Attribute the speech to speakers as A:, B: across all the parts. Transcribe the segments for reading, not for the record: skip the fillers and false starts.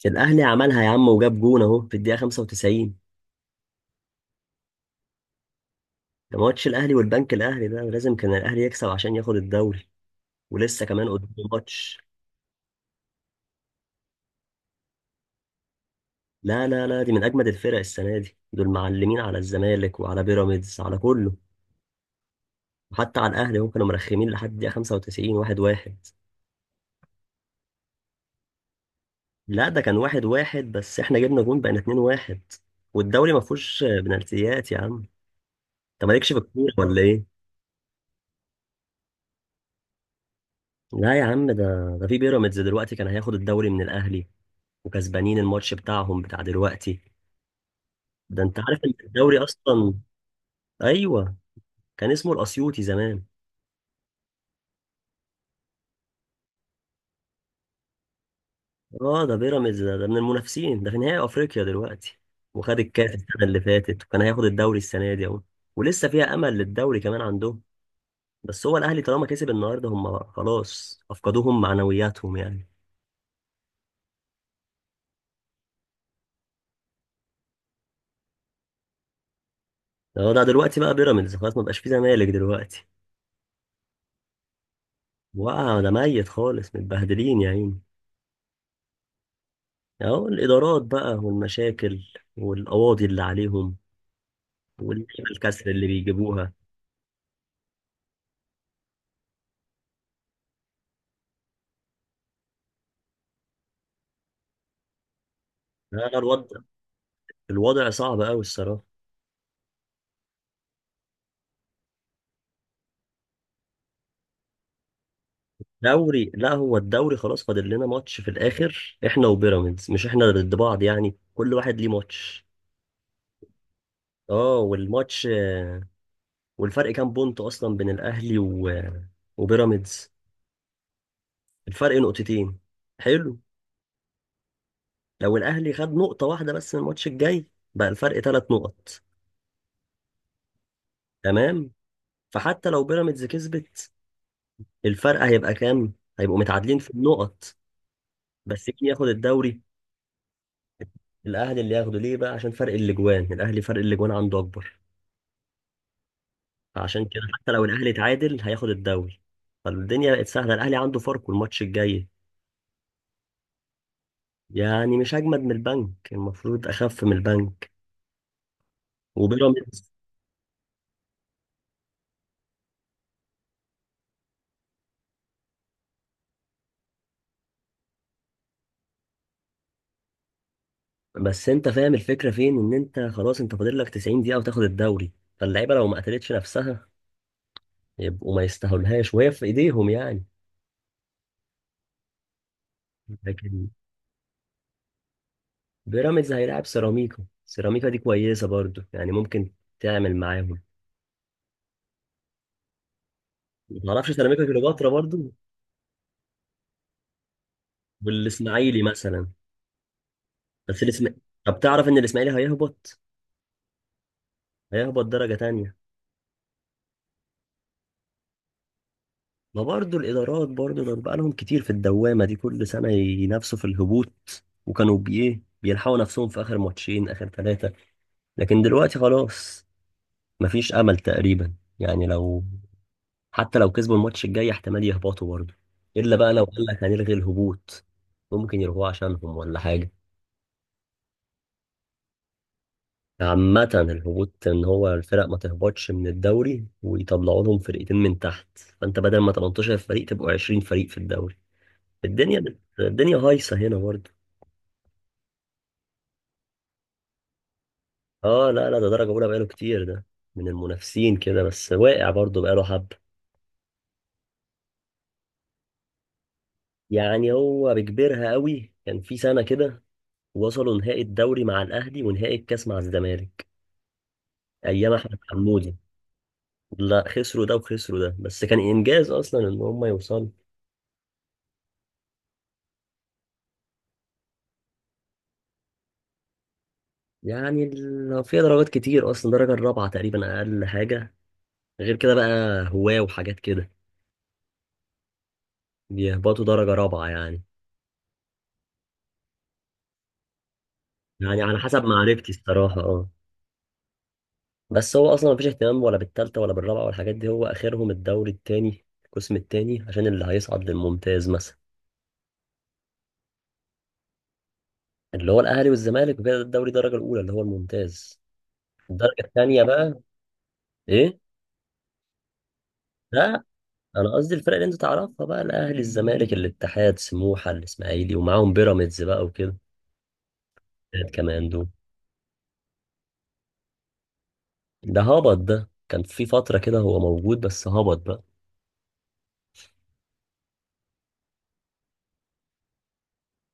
A: كان الاهلي عملها يا عم وجاب جون، اهو في الدقيقه 95. ده ماتش الاهلي والبنك الاهلي، ده لازم كان الاهلي يكسب عشان ياخد الدوري ولسه كمان قدامه ماتش. لا لا لا، دي من اجمد الفرق السنه دي، دول معلمين على الزمالك وعلى بيراميدز على كله وحتى على الاهلي. هم كانوا مرخمين لحد الدقيقه 95 واحد واحد. لا، ده كان واحد واحد بس احنا جبنا جون بقينا 2 واحد. والدوري ما فيهوش بنالتيات يا عم. انت مالكش في الكوره ولا ايه؟ لا يا عم، ده ده في بيراميدز دلوقتي كان هياخد الدوري من الاهلي وكسبانين الماتش بتاعهم بتاع دلوقتي. ده انت عارف ان الدوري اصلا. ايوه، كان اسمه الاسيوطي زمان. اه، ده بيراميدز ده، من المنافسين، ده في نهائي افريقيا دلوقتي وخد الكاس السنه اللي فاتت وكان هياخد الدوري السنه دي اهو. ولسه فيها امل للدوري كمان عندهم، بس هو الاهلي طالما كسب النهارده هم خلاص افقدوهم معنوياتهم يعني. اه، ده دلوقتي بقى بيراميدز خلاص، ما بقاش في زمالك دلوقتي. وقع، ده ميت خالص، متبهدلين يا عيني. اهو الادارات بقى والمشاكل والقواضي اللي عليهم والقيمة الكسر اللي بيجيبوها. لا لا، الوضع صعب قوي الصراحة. دوري، لا هو الدوري خلاص فاضل لنا ماتش في الآخر احنا وبيراميدز، مش احنا ضد بعض يعني، كل واحد ليه ماتش. اه والماتش آه، والفرق كام بونت اصلا بين الاهلي و... وبيراميدز. الفرق نقطتين. حلو. لو الاهلي خد نقطة واحدة بس من الماتش الجاي بقى الفرق ثلاث نقط. تمام. فحتى لو بيراميدز كسبت الفرق هيبقى كام؟ هيبقوا متعادلين في النقط. بس مين ياخد الدوري؟ الاهلي اللي ياخده ليه بقى؟ عشان فرق الاجوان، الاهلي فرق الاجوان عنده اكبر. فعشان كده حتى لو الاهلي اتعادل هياخد الدوري. فالدنيا بقت سهله، الاهلي عنده فرق والماتش الجاي يعني مش اجمد من البنك، المفروض اخف من البنك وبيراميدز. بس انت فاهم الفكره فين؟ ان انت خلاص انت فاضل لك 90 دقيقه وتاخد الدوري، فاللعيبه لو ما قتلتش نفسها يبقوا ما يستاهلهاش وهي في ايديهم يعني. لكن بيراميدز هيلاعب سيراميكا، سيراميكا دي كويسه برضو يعني، ممكن تعمل معاهم. ما تعرفش سيراميكا كليوباترا برضو؟ والاسماعيلي مثلا، بس الاسم. طب تعرف ان الاسماعيلي هيهبط؟ هيهبط درجة تانية. ما برضو الادارات، برضو دول بقى لهم كتير في الدوامة دي كل سنة ينافسوا في الهبوط وكانوا بيه بيلحقوا نفسهم في اخر ماتشين اخر ثلاثة، لكن دلوقتي خلاص مفيش امل تقريبا. يعني لو، حتى لو كسبوا الماتش الجاي احتمال يهبطوا برضو، الا بقى لو قال لك هنلغي الهبوط. ممكن يلغوه عشانهم ولا حاجة. عامة، الهبوط ان هو الفرق ما تهبطش من الدوري ويطلعوا لهم فرقتين من تحت، فانت بدل ما 18 فريق تبقوا 20 فريق في الدوري. الدنيا هايصة هنا برضه. اه، لا لا، ده درجة اولى بقاله كتير ده، من المنافسين كده بس واقع برضه بقاله حبة. يعني هو بيكبرها قوي، كان في سنة كده وصلوا نهائي الدوري مع الاهلي ونهائي الكاس مع الزمالك، ايام احمد حمودي. لا، خسروا ده وخسروا ده بس كان انجاز اصلا ان هم يوصلوا. يعني فيها درجات كتير اصلا، درجه الرابعه تقريبا اقل حاجه، غير كده بقى هواه وحاجات كده، بيهبطوا درجه رابعه يعني. يعني على حسب معرفتي الصراحه اه، بس هو اصلا مفيش اهتمام ولا بالتالتة ولا بالرابعه والحاجات دي، هو اخرهم الدوري التاني القسم التاني عشان اللي هيصعد للممتاز مثلا. اللي هو الاهلي والزمالك وكده، ده الدوري الدرجه الاولى اللي هو الممتاز. الدرجه التانيه بقى. ايه. لا، انا قصدي الفرق اللي انت تعرفها بقى، الاهلي الزمالك الاتحاد سموحه الاسماعيلي ومعاهم بيراميدز بقى وكده كمان دول. ده هبط، ده كان في فترة كده هو موجود بس هبط بقى.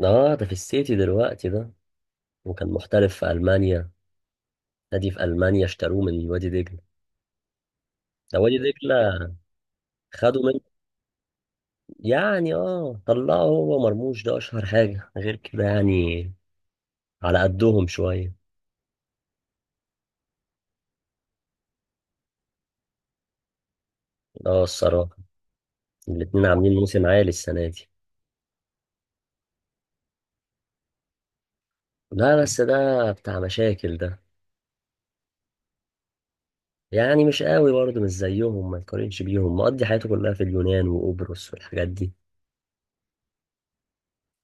A: اه ده في السيتي دلوقتي ده، وكان محترف في ألمانيا، نادي في ألمانيا اشتروه من وادي دجلة. ده وادي دجلة خدوا من، يعني اه طلعوا، هو مرموش ده أشهر حاجة، غير كده يعني على قدهم شوية. اه الصراحة الاتنين عاملين موسم عالي السنة دي. لا بس ده بتاع مشاكل ده، يعني مش قوي برضه مش زيهم، ما يقارنش بيهم، مقضي حياته كلها في اليونان وقبرص والحاجات دي.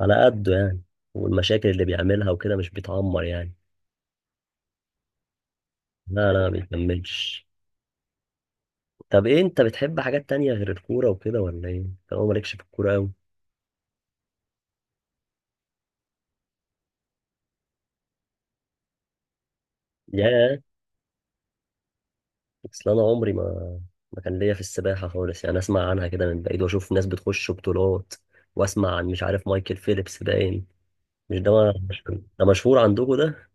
A: على قده يعني، والمشاكل اللي بيعملها وكده مش بيتعمر يعني. لا لا، ما بيكملش. طب ايه، انت بتحب حاجات تانية غير الكورة وكده ولا ايه؟ طالما مالكش في الكورة أوي. ياه، اصل انا عمري ما، ما كان ليا في السباحة خالص يعني، اسمع عنها كده من بعيد واشوف ناس بتخش بطولات واسمع عن، مش عارف، مايكل فيليبس باين، مش ده ما- مش- ده مشهور عندكم ده؟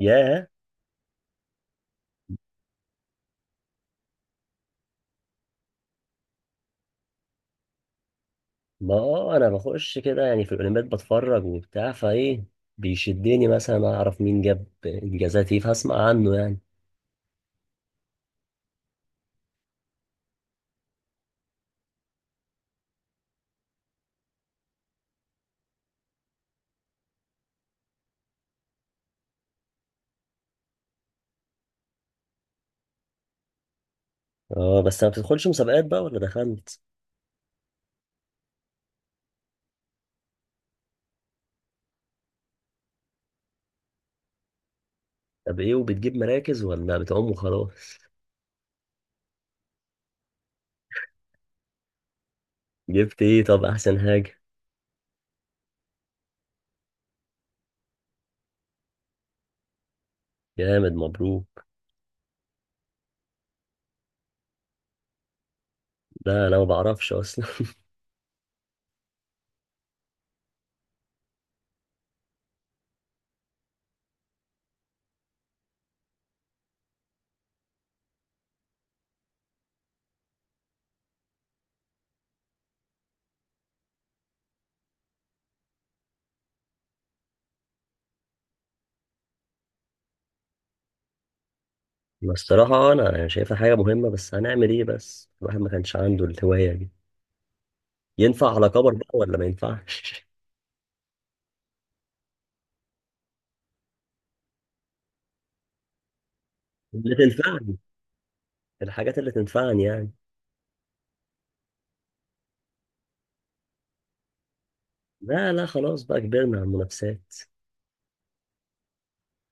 A: ياه. ما آه انا بخش كده يعني في الاولمبياد بتفرج وبتاع فايه، بيشدني مثلا اعرف مين جاب انجازات ايه فاسمع عنه يعني. اه بس ما بتدخلش مسابقات بقى ولا دخلت؟ طب ايه، وبتجيب مراكز ولا بتعوم وخلاص؟ جبت ايه طب احسن حاجة؟ جامد، مبروك. لا انا ما بعرفش اصلا بس الصراحة انا يعني شايفها حاجة مهمة، بس هنعمل ايه بس، الواحد ما كانش عنده الهواية دي، ينفع على كبر بقى ولا ما ينفعش؟ اللي تنفعني، الحاجات اللي تنفعني يعني. لا لا خلاص بقى، كبرنا على المنافسات.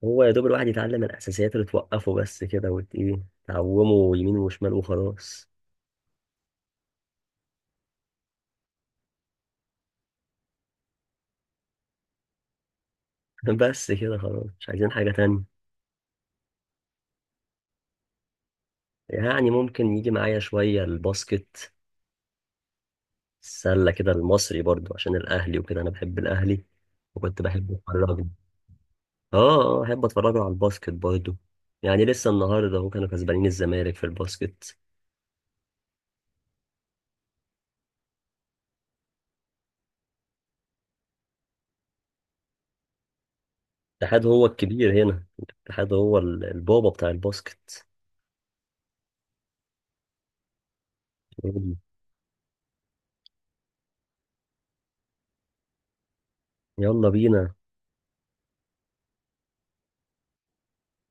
A: هو يا دوب الواحد يتعلم الاساسيات اللي توقفه بس كده، وت ايه، تعومه يمين وشمال وخلاص. بس كده خلاص مش عايزين حاجة تانية. يعني ممكن يجي معايا شوية الباسكت، السلة كده، المصري برضو عشان الأهلي وكده، أنا بحب الأهلي وكنت بحب أتفرج. آه. آه أحب أتفرجه على الباسكت برضو، يعني لسه النهاردة هو كانوا كسبانين الزمالك في الباسكت. الاتحاد هو الكبير هنا، الاتحاد هو البابا بتاع الباسكت. يلا بينا.